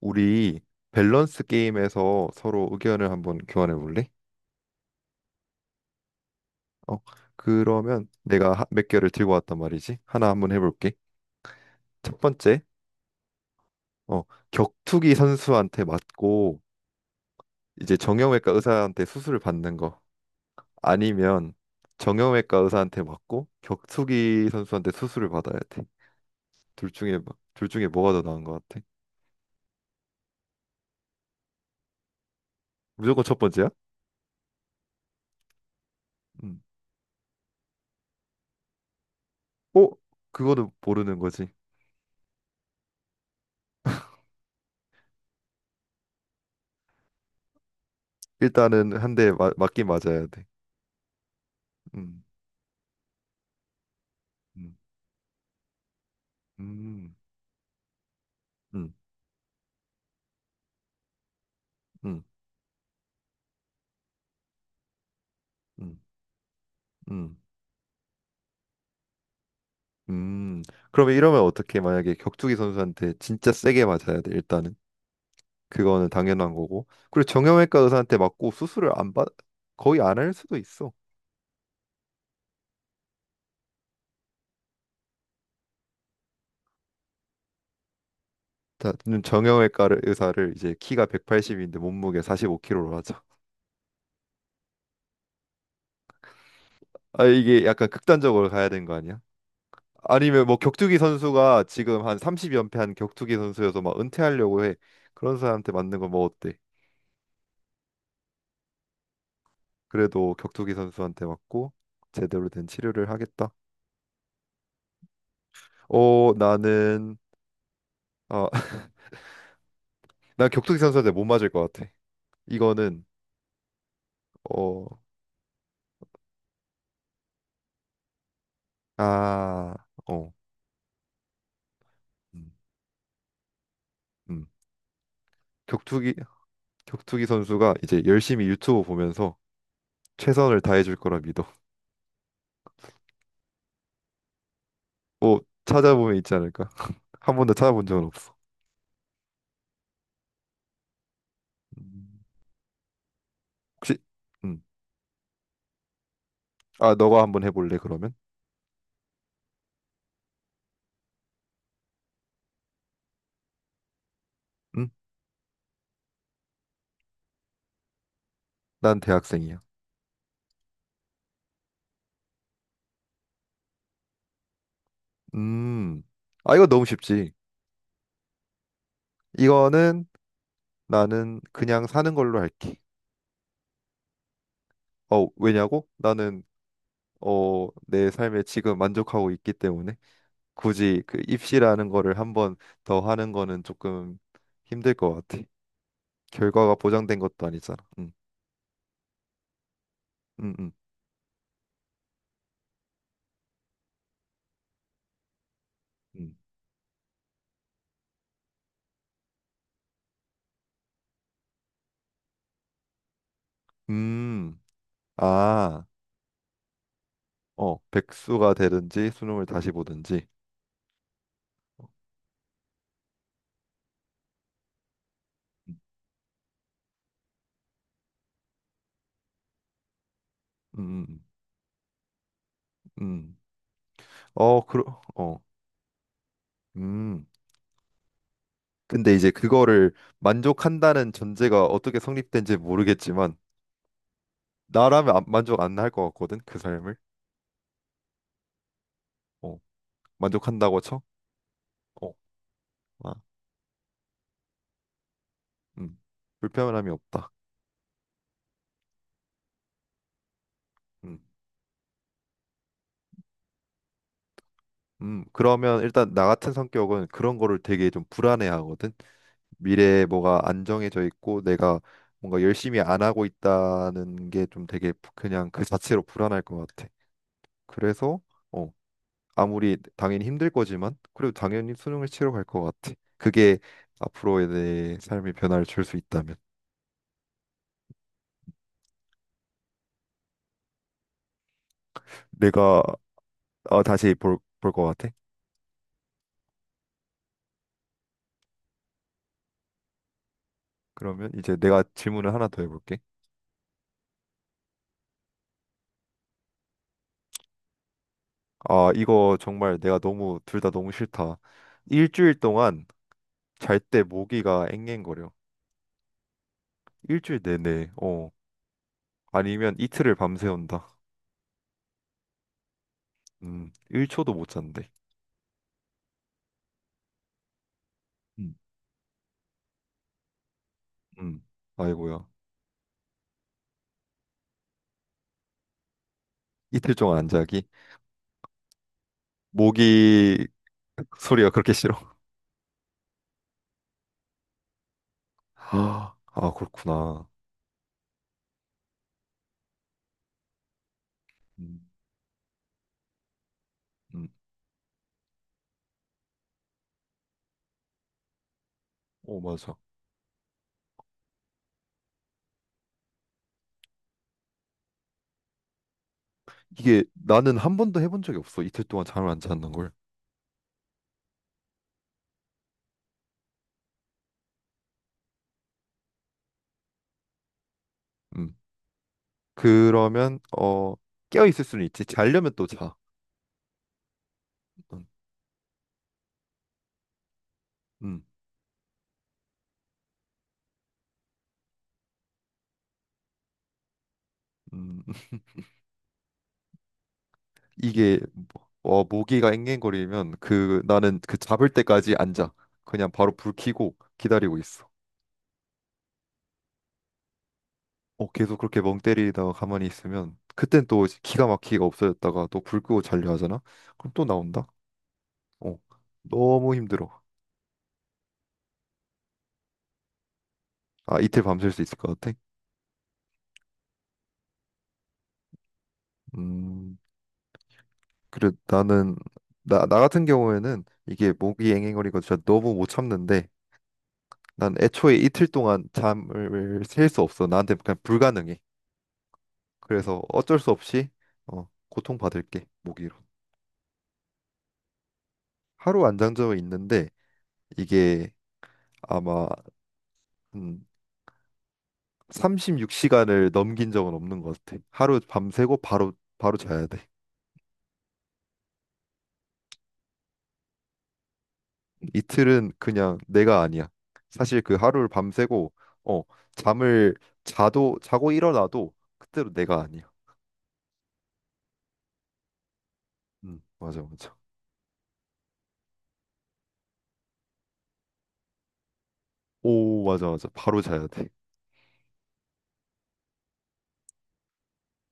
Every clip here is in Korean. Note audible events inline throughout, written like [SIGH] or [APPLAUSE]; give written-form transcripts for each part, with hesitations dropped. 우리 밸런스 게임에서 서로 의견을 한번 교환해 볼래? 어, 그러면 내가 몇 개를 들고 왔단 말이지. 하나 한번 해볼게. 첫 번째, 어, 격투기 선수한테 맞고 이제 정형외과 의사한테 수술을 받는 거. 아니면 정형외과 의사한테 맞고 격투기 선수한테 수술을 받아야 돼. 둘 중에 둘 중에 뭐가 더 나은 것 같아? 무조건 첫 번째야? 음. 어? 그거는 모르는 거지. 일단은 한 대 맞긴 맞아야 돼. 음. 음. 음. 음, 음, 음, 음, 음. 그러면 이러면 어떻게 만약에 격투기 선수한테 진짜 세게 맞아야 돼 일단은 그거는 당연한 거고 그리고 정형외과 의사한테 맞고 수술을 안 받, 거의 안 할 수도 있어. 자, 정형외과를 의사를 이제 키가 180인데 몸무게 45kg로 하자. 아 이게 약간 극단적으로 가야 되는 거 아니야? 아니면 뭐 격투기 선수가 지금 한 30연패한 격투기 선수여서 막 은퇴하려고 해. 그런 사람한테 맞는 거 뭐 어때? 그래도 격투기 선수한테 맞고 제대로 된 치료를 하겠다. 나는 어, [LAUGHS] 난 격투기 선수한테 못 맞을 것 같아. 이거는 어, 아, 어, 음, 음. 격투기 격투기 선수가 이제 열심히 유튜브 보면서 최선을 다해줄 거라 믿어. 뭐 찾아보면 있지 않을까? [LAUGHS] 한 번도 찾아본 적은 없어. 음, 혹시 음, 아, 너가 한번 해볼래 그러면? 음, 난 대학생이야. 음, 아 이거 너무 쉽지. 이거는 나는 그냥 사는 걸로 할게. 어, 왜냐고? 나는 내 삶에 지금 만족하고 있기 때문에 굳이 그 입시라는 거를 한번 더 하는 거는 조금 힘들 것 같아. 결과가 보장된 것도 아니잖아. 음, 음, 음. 음, 아, 어, 백수가 되든지 수능을 다시 보든지. 음, 음, 음. 어, 그러, 어, 음. 근데 이제 그거를 만족한다는 전제가 어떻게 성립된지 모르겠지만 나라면 만족 안 할 것 같거든 그 삶을. 어, 만족한다고 쳐? 어. 아. 음, 불편함이 없다. 음, 그러면 일단 나 같은 성격은 그런 거를 되게 좀 불안해하거든. 미래에 뭐가 안정해져 있고 내가 뭔가 열심히 안 하고 있다는 게 좀 되게 그냥 그 자체로 불안할 것 같아. 그래서 어, 아무리 당연히 힘들 거지만 그래도 당연히 수능을 치러 갈 것 같아. 그게 앞으로의 내 삶의 변화를 줄 수 있다면 내가 어, 다시 볼 것 같아. 그러면 이제 내가 질문을 하나 더 해볼게. 아, 이거 정말 내가 너무 둘 다 너무 싫다. 일주일 동안 잘 때 모기가 앵앵거려. 일주일 내내. 어. 아니면 이틀을 밤새운다. 1초도 못 잔대. 음. 음. 아이고야. 이틀 동안 안 자기? 모기 [LAUGHS] 소리가 그렇게 싫어? [GASPS] 아, 아, 그렇구나. 음. 음. 어, 맞아. 이게 나는 한 번도 해본 적이 없어. 이틀 동안 잠을 안 자는 걸. 음. 그러면 어, 깨어 있을 수는 있지. 자려면 또 자. 음. 음. 음. 이게 어, 모기가 앵앵거리면 그 나는 그 잡을 때까지 앉아. 그냥 바로 불 켜고 기다리고 있어. 어, 계속 그렇게 멍 때리다가 가만히 있으면 그땐 또 이제 기가 막히게 없어졌다가 또 불 끄고 자려 하잖아. 그럼 또 나온다. 어, 너무 힘들어. 아, 이틀 밤샐 수 있을 것 같아. 음, 그래 나는 나 같은 경우에는 이게 모기 앵앵거리고 진짜 너무 못 참는데 난 애초에 이틀 동안 잠을 셀 수 없어. 나한테 그냥 불가능해. 그래서 어쩔 수 없이 어, 고통받을게 모기로. 하루 안장점은 있는데 이게 아마 음, 36시간을 넘긴 적은 없는 것 같아. 하루 밤새고 바로 자야 돼. 이틀은 그냥 내가 아니야. 사실 그 하루를 밤새고 어 잠을 자도 자고 일어나도 그때로 내가 아니야. 맞아 맞아. 오 맞아 맞아. 바로 자야 돼.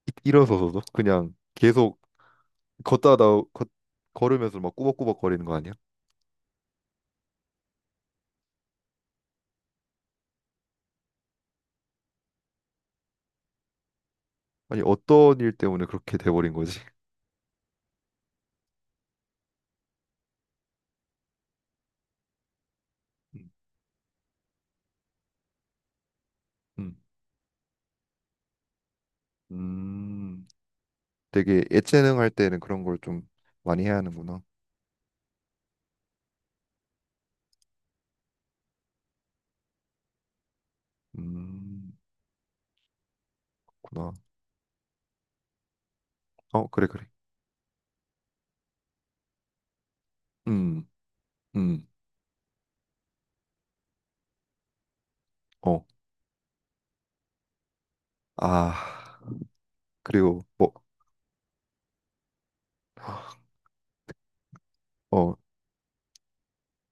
일어서서도 그냥 계속 걷다가 걷 걸으면서 막 꾸벅꾸벅 거리는 거 아니야? 아니 어떤 일 때문에 그렇게 돼버린 거지? 음. 음. 음, 되게 예체능 할 때는 그런 걸 좀 많이 해야 하는구나. 음, 구나. 어 그래 그래. 음, 음, 어. 아 그리고 뭐 어,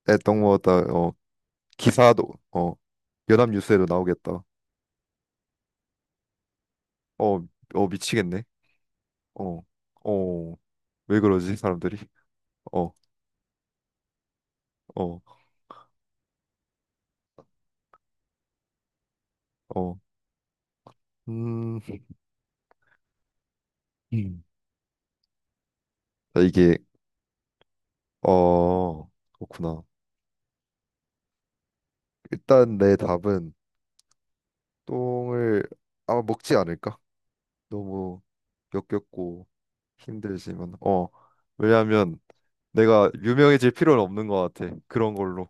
애떡 먹었다. 어 기사도 어 연합뉴스에도 나오겠다. 어, 어 미치겠네. 어, 어. 왜 그러지 사람들이? 어, 어, 어. 음. 음. 아, 이게 어 그렇구나. 일단 내 답은 똥을 아마 먹지 않을까? 너무 역겹고 힘들지만 어 왜냐하면 내가 유명해질 필요는 없는 것 같아 그런 걸로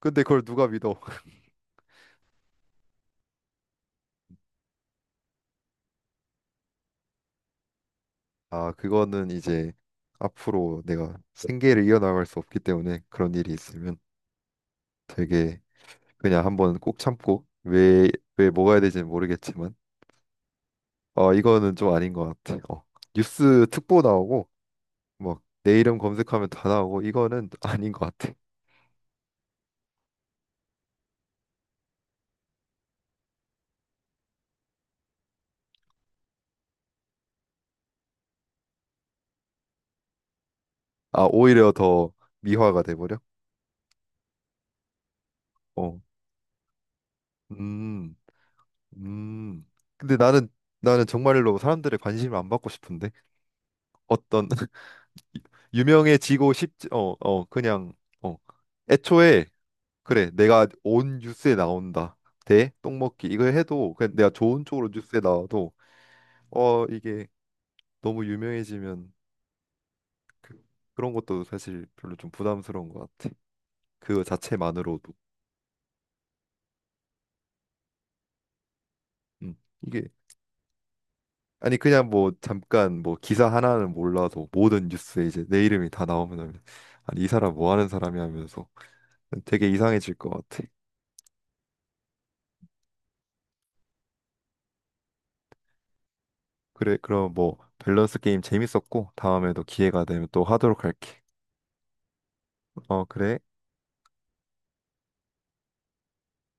근데 그걸 누가 믿어 [LAUGHS] 아 그거는 이제 앞으로 내가 생계를 이어나갈 수 없기 때문에 그런 일이 있으면 되게 그냥 한번 꼭 참고 왜 먹어야 될지는 모르겠지만 어 이거는 좀 아닌 것 같아 어 뉴스 특보 나오고 막 내 이름 검색하면 다 나오고 이거는 [LAUGHS] 아닌 것 같아 아, 오히려 더 미화가 돼버려? 어. 음, 음. 근데 나는, 나는 정말로 사람들의 관심을 안 받고 싶은데? 어떤, [LAUGHS] 유명해지고 싶지, 어, 어, 그냥, 어. 애초에, 그래, 내가 온 뉴스에 나온다. 대, 똥먹기. 이걸 해도, 그냥 내가 좋은 쪽으로 뉴스에 나와도, 어, 이게 너무 유명해지면, 그, 그런 것도 사실 별로 좀 부담스러운 것 같아. 그 자체만으로도. 음. 이게 아니 그냥 뭐 잠깐 뭐 기사 하나는 몰라도 모든 뉴스에 이제 내 이름이 다 나오면 아니 이 사람 뭐 하는 사람이 하면서 되게 이상해질 것 같아. 그래 그럼 뭐 밸런스 게임 재밌었고 다음에도 기회가 되면 또 하도록 할게. 어 그래.